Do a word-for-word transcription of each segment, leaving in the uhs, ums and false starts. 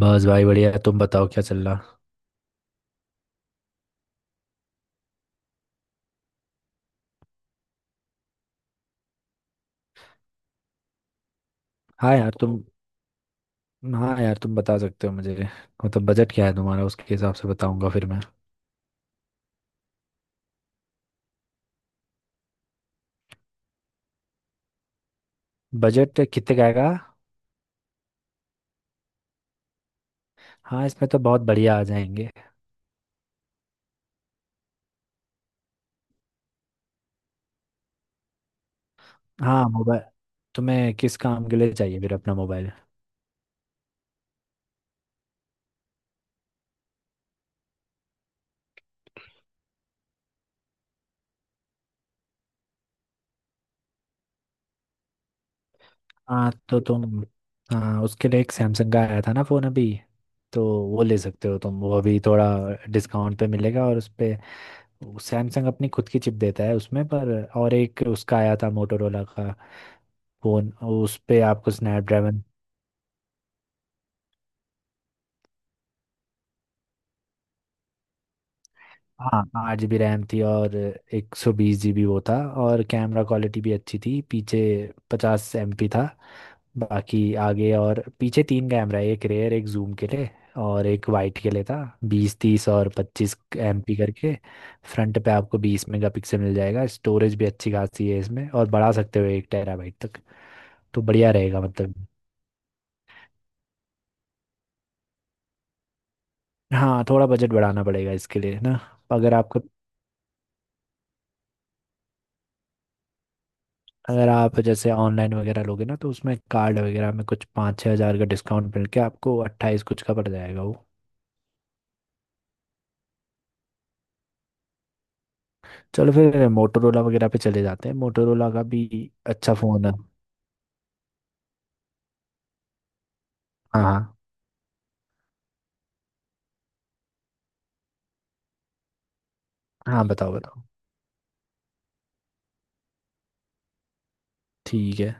बस भाई बढ़िया। तुम बताओ क्या चल रहा। हाँ यार तुम हाँ यार तुम बता सकते हो मुझे। मतलब बजट क्या है तुम्हारा, उसके हिसाब से बताऊंगा फिर मैं। बजट कितने का आएगा? हाँ, इसमें तो बहुत बढ़िया आ जाएंगे। हाँ, मोबाइल तुम्हें किस काम के लिए चाहिए फिर अपना मोबाइल? हाँ तो तुम, हाँ उसके लिए एक सैमसंग का आया था ना फ़ोन अभी, तो वो ले सकते हो तुम। वो अभी थोड़ा डिस्काउंट पे मिलेगा और उस पे सैमसंग अपनी खुद की चिप देता है उसमें। पर और एक उसका आया था मोटोरोला का फोन, उस पे आपको स्नैपड्रैगन। हाँ आठ जी रैम थी और एक सौ बीस जी बी वो था। और कैमरा क्वालिटी भी अच्छी थी। पीछे पचास एम पी था। बाकी आगे और पीछे तीन कैमरा है, एक रेयर, एक जूम के लिए और एक वाइट के लिए था। बीस तीस और पच्चीस एम पी करके। फ्रंट पे आपको बीस मेगा पिक्सल मिल जाएगा। स्टोरेज भी अच्छी खासी है इसमें, और बढ़ा सकते हो एक टेराबाइट तक। तो बढ़िया रहेगा मतलब। हाँ थोड़ा बजट बढ़ाना पड़ेगा इसके लिए ना। अगर आपका, अगर आप जैसे ऑनलाइन वगैरह लोगे ना, तो उसमें कार्ड वगैरह में कुछ पाँच छः हज़ार का डिस्काउंट मिल के आपको अट्ठाईस कुछ का पड़ जाएगा वो। चलो फिर मोटोरोला वगैरह पे चले जाते हैं। मोटोरोला का भी अच्छा फ़ोन है। हाँ हाँ हाँ, बताओ बताओ। ठीक है।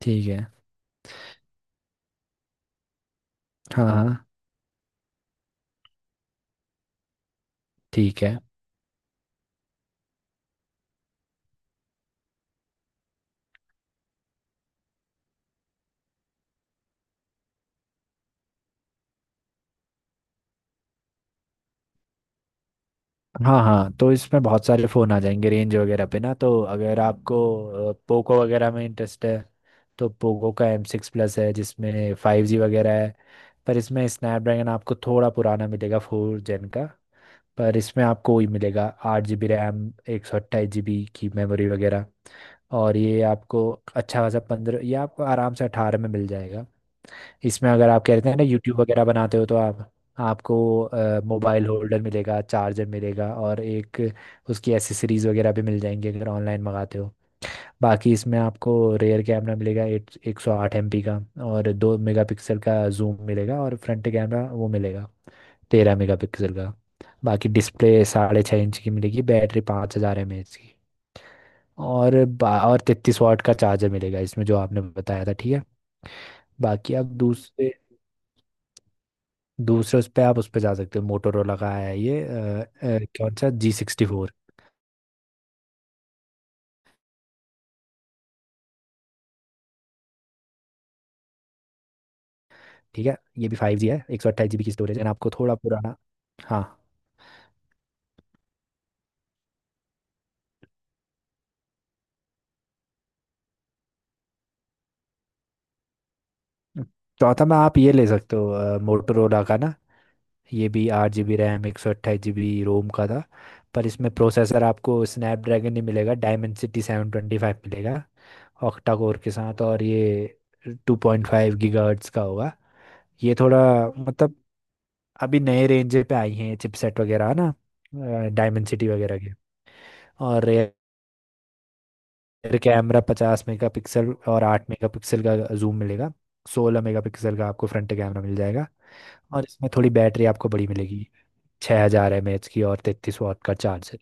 ठीक है। हाँ हाँ। ठीक है। हाँ हाँ, तो इसमें बहुत सारे फ़ोन आ जाएंगे रेंज वगैरह पे ना। तो अगर आपको पोको वगैरह में इंटरेस्ट है, तो पोको का एम सिक्स प्लस है जिसमें फाइव जी वगैरह है। पर इसमें स्नैपड्रैगन आपको थोड़ा पुराना मिलेगा, फोर जेन का। पर इसमें आपको वही मिलेगा, आठ जी बी रैम, एक सौ अट्ठाईस जी बी की मेमोरी वगैरह। और ये आपको अच्छा खासा पंद्रह, ये आपको आराम से अठारह में मिल जाएगा। इसमें अगर आप कह रहे थे ना यूट्यूब वगैरह बनाते हो, तो आप, आपको मोबाइल होल्डर मिलेगा, चार्जर मिलेगा और एक उसकी एसेसरीज वगैरह भी मिल जाएंगी अगर ऑनलाइन मंगाते हो। बाकी इसमें आपको रेयर कैमरा मिलेगा एक एक सौ आठ एम पी का, और दो मेगापिक्सल का जूम मिलेगा, और फ्रंट कैमरा वो मिलेगा तेरह मेगापिक्सल का। बाकी डिस्प्ले साढ़े छः इंच की मिलेगी, बैटरी पाँच हज़ार एम एच की, और बा- और तैतीस वाट का चार्जर मिलेगा इसमें, जो आपने बताया था ठीक है। बाकी आप दूसरे दूसरे उस पर आप उस पर जा सकते हो, मोटोरोला का है ये, अ, अ, कौन सा जी सिक्सटी फोर। ठीक है, ये भी फाइव जी है, एक सौ अट्ठाईस जी बी की स्टोरेज है। and आपको थोड़ा पुराना। हाँ, चौथा में आप ये ले सकते हो मोटोरोला का ना। ये भी आठ जी बी रैम, एक सौ अट्ठाईस जी बी रोम का था। पर इसमें प्रोसेसर आपको स्नैपड्रैगन नहीं मिलेगा, डायमेंसिटी सेवन ट्वेंटी फाइव मिलेगा, ऑक्टा कोर के साथ। और ये टू पॉइंट फाइव गीगाहर्ट्ज का होगा। ये थोड़ा, मतलब अभी नए रेंज पे आई हैं चिपसेट वगैरह है ना, डायमेंसिटी वगैरह के। और रियर कैमरा पचास मेगा पिक्सल और आठ मेगा पिक्सल का जूम मिलेगा। सोलह मेगा पिक्सल का आपको फ्रंट कैमरा मिल जाएगा। और इसमें थोड़ी बैटरी आपको बड़ी मिलेगी, छः हज़ार हजार एम एच की और तैतीस वॉट का चार्ज।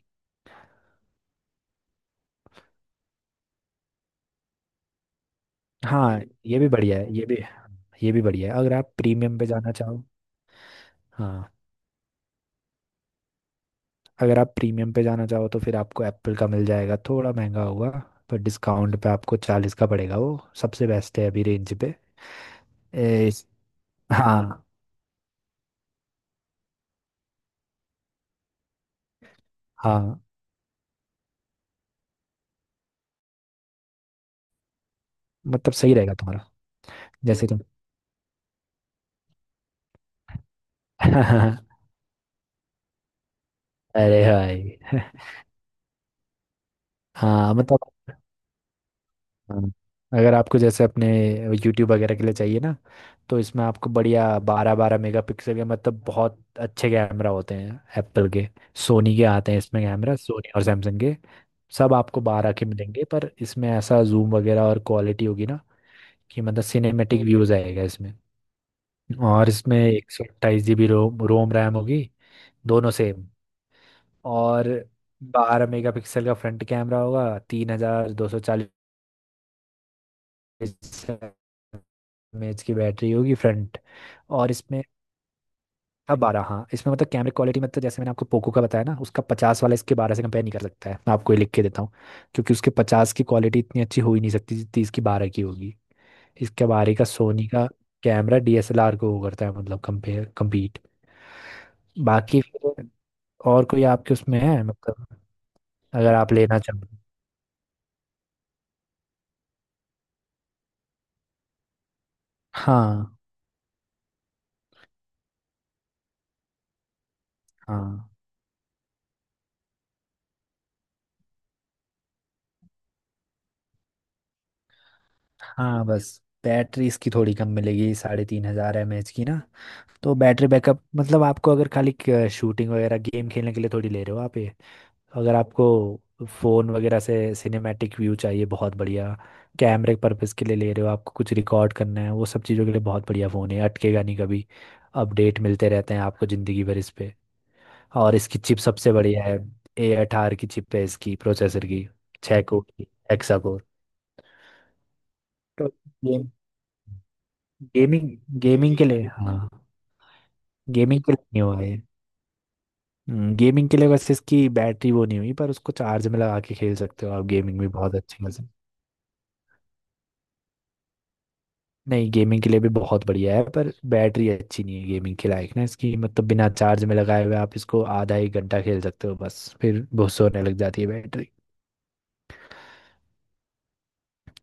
हाँ, ये ये भी बढ़िया है, ये भी, ये भी बढ़िया है अगर आप प्रीमियम पे जाना चाहो। हाँ, अगर आप प्रीमियम पे जाना चाहो तो फिर आपको एप्पल का मिल जाएगा, थोड़ा महंगा होगा। पर डिस्काउंट पे आपको चालीस का पड़ेगा, वो सबसे बेस्ट है अभी रेंज पे। ए, इस- हाँ हाँ, मतलब सही रहेगा तुम्हारा, जैसे तुम। अरे भाई। हाँ मतलब, हाँ, अगर आपको जैसे अपने यूट्यूब वगैरह के लिए चाहिए ना, तो इसमें आपको बढ़िया बारह बारह मेगापिक्सल के मतलब बहुत अच्छे कैमरा होते हैं एप्पल के। सोनी के आते हैं इसमें कैमरा, सोनी और सैमसंग के। सब आपको बारह के मिलेंगे, पर इसमें ऐसा जूम वगैरह और क्वालिटी होगी ना, कि मतलब सिनेमेटिक व्यूज आएगा इसमें। और इसमें एक सौ अट्ठाईस G B ROM ROM RAM होगी, दोनों सेम। और बारह मेगापिक्सल का फ्रंट कैमरा होगा। तीन हजार दो सौ चालीस एमएच की बैटरी होगी, फ्रंट। और इसमें अब बारह, हाँ इसमें मतलब कैमरे क्वालिटी, मतलब जैसे मैंने आपको पोको का बताया ना उसका पचास वाला, इसके बारह से कंपेयर नहीं कर सकता है। मैं आपको ये लिख के देता हूँ, क्योंकि उसके पचास की क्वालिटी इतनी अच्छी हो ही नहीं सकती जितनी इसकी बारह की होगी। इसके बारह का सोनी का कैमरा डीएसएलआर को वो करता है मतलब कंपेयर, कम्पीट। बाकी फिर और कोई आपके उसमें है मतलब, अगर आप लेना चाहो तो। हाँ हाँ हाँ, बस बैटरी इसकी थोड़ी कम मिलेगी, साढ़े तीन हजार एम एच की ना। तो बैटरी बैकअप मतलब आपको अगर खाली शूटिंग वगैरह, गेम खेलने के लिए थोड़ी ले रहे हो आप ये। अगर आपको फोन वगैरह से सिनेमैटिक व्यू चाहिए, बहुत बढ़िया कैमरे पर्पस के लिए ले रहे हो, आपको कुछ रिकॉर्ड करना है, वो सब चीज़ों के लिए बहुत बढ़िया फ़ोन है, अटकेगा नहीं कभी। अपडेट मिलते रहते हैं आपको ज़िंदगी भर इस पे। और इसकी चिप सबसे बढ़िया है। ए अठारह की चिप है इसकी, प्रोसेसर की। छः कोर की, हेक्सा कोर। तो गेम गेमिंग गेमिंग के लिए हाँ, गेमिंग के लिए नहीं हुआ है। गेमिंग के लिए वैसे इसकी बैटरी वो नहीं हुई, पर उसको चार्ज में लगा के खेल सकते हो आप, गेमिंग भी बहुत अच्छी मजे। नहीं, गेमिंग के लिए भी बहुत बढ़िया है, पर बैटरी अच्छी नहीं है गेमिंग के लायक ना इसकी। मतलब बिना चार्ज में लगाए हुए आप इसको आधा एक घंटा खेल सकते हो, बस फिर बहुत होने लग जाती है बैटरी।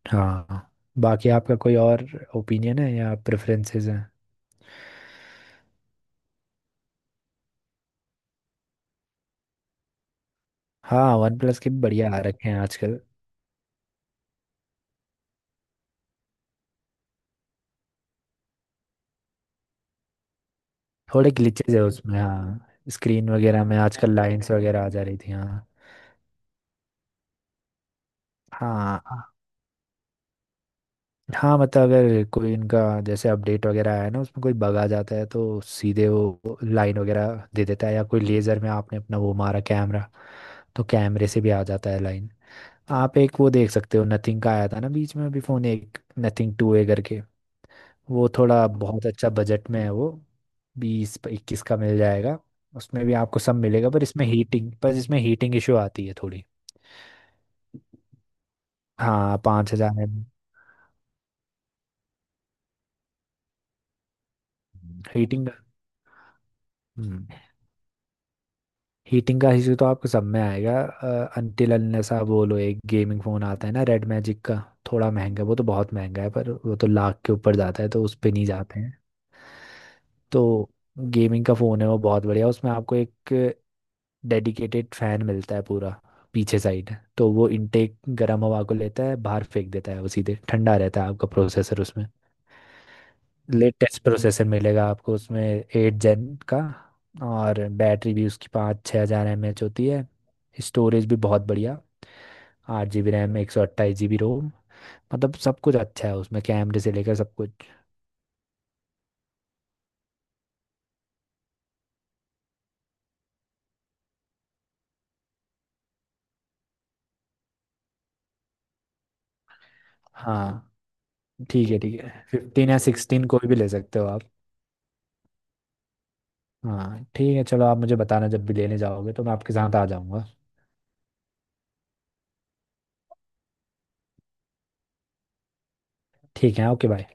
हाँ, बाकी आपका कोई और ओपिनियन है या प्रेफरेंसेस हैं? हाँ, वन प्लस के भी बढ़िया आ रखे हैं आजकल। थोड़े ग्लिचेज है उसमें, हाँ स्क्रीन वगैरह में आजकल लाइंस वगैरह आ जा रही थी, हाँ। हाँ हाँ, मतलब अगर कोई इनका जैसे अपडेट वगैरह आया ना, उसमें कोई बग आ जाता है तो सीधे वो लाइन वगैरह दे देता है। या कोई लेज़र में आपने अपना वो मारा कैमरा, तो कैमरे से भी आ जाता है लाइन। आप एक वो देख सकते हो, नथिंग का आया था ना बीच में अभी फ़ोन, एक नथिंग टू ए करके। वो थोड़ा बहुत अच्छा बजट में है वो, बीस इक्कीस का मिल जाएगा। उसमें भी आपको सब मिलेगा, पर इसमें हीटिंग, पर इसमें हीटिंग इशू आती है थोड़ी। हाँ, पाँच हज़ार एम, हीटिंग, हीटिंग का इशू तो आपको सब में आएगा। अनटिल अनलेस आप वो लो, एक गेमिंग फोन आता है ना रेड मैजिक का। थोड़ा महंगा है, वो तो बहुत महंगा है, पर वो तो लाख के ऊपर जाता है, तो उस पे नहीं जाते हैं। तो गेमिंग का फोन है वो बहुत बढ़िया। उसमें आपको एक डेडिकेटेड फैन मिलता है पूरा पीछे साइड, तो वो इनटेक गर्म हवा को लेता है बाहर फेंक देता है, वो सीधे ठंडा रहता है आपका प्रोसेसर उसमें। लेटेस्ट प्रोसेसर मिलेगा आपको उसमें, एट जेन का। और बैटरी भी उसकी पाँच छः हज़ार एम एच होती है। स्टोरेज भी बहुत बढ़िया, आठ जी बी रैम, एक सौ अट्ठाईस जी बी रोम। मतलब सब कुछ अच्छा है उसमें, कैमरे से लेकर सब कुछ। हाँ ठीक है, ठीक है, फिफ्टीन या सिक्सटीन कोई भी ले सकते हो आप। हाँ ठीक है, चलो आप मुझे बताना जब भी लेने जाओगे तो मैं आपके साथ आ जाऊँगा। ठीक है, ओके बाय।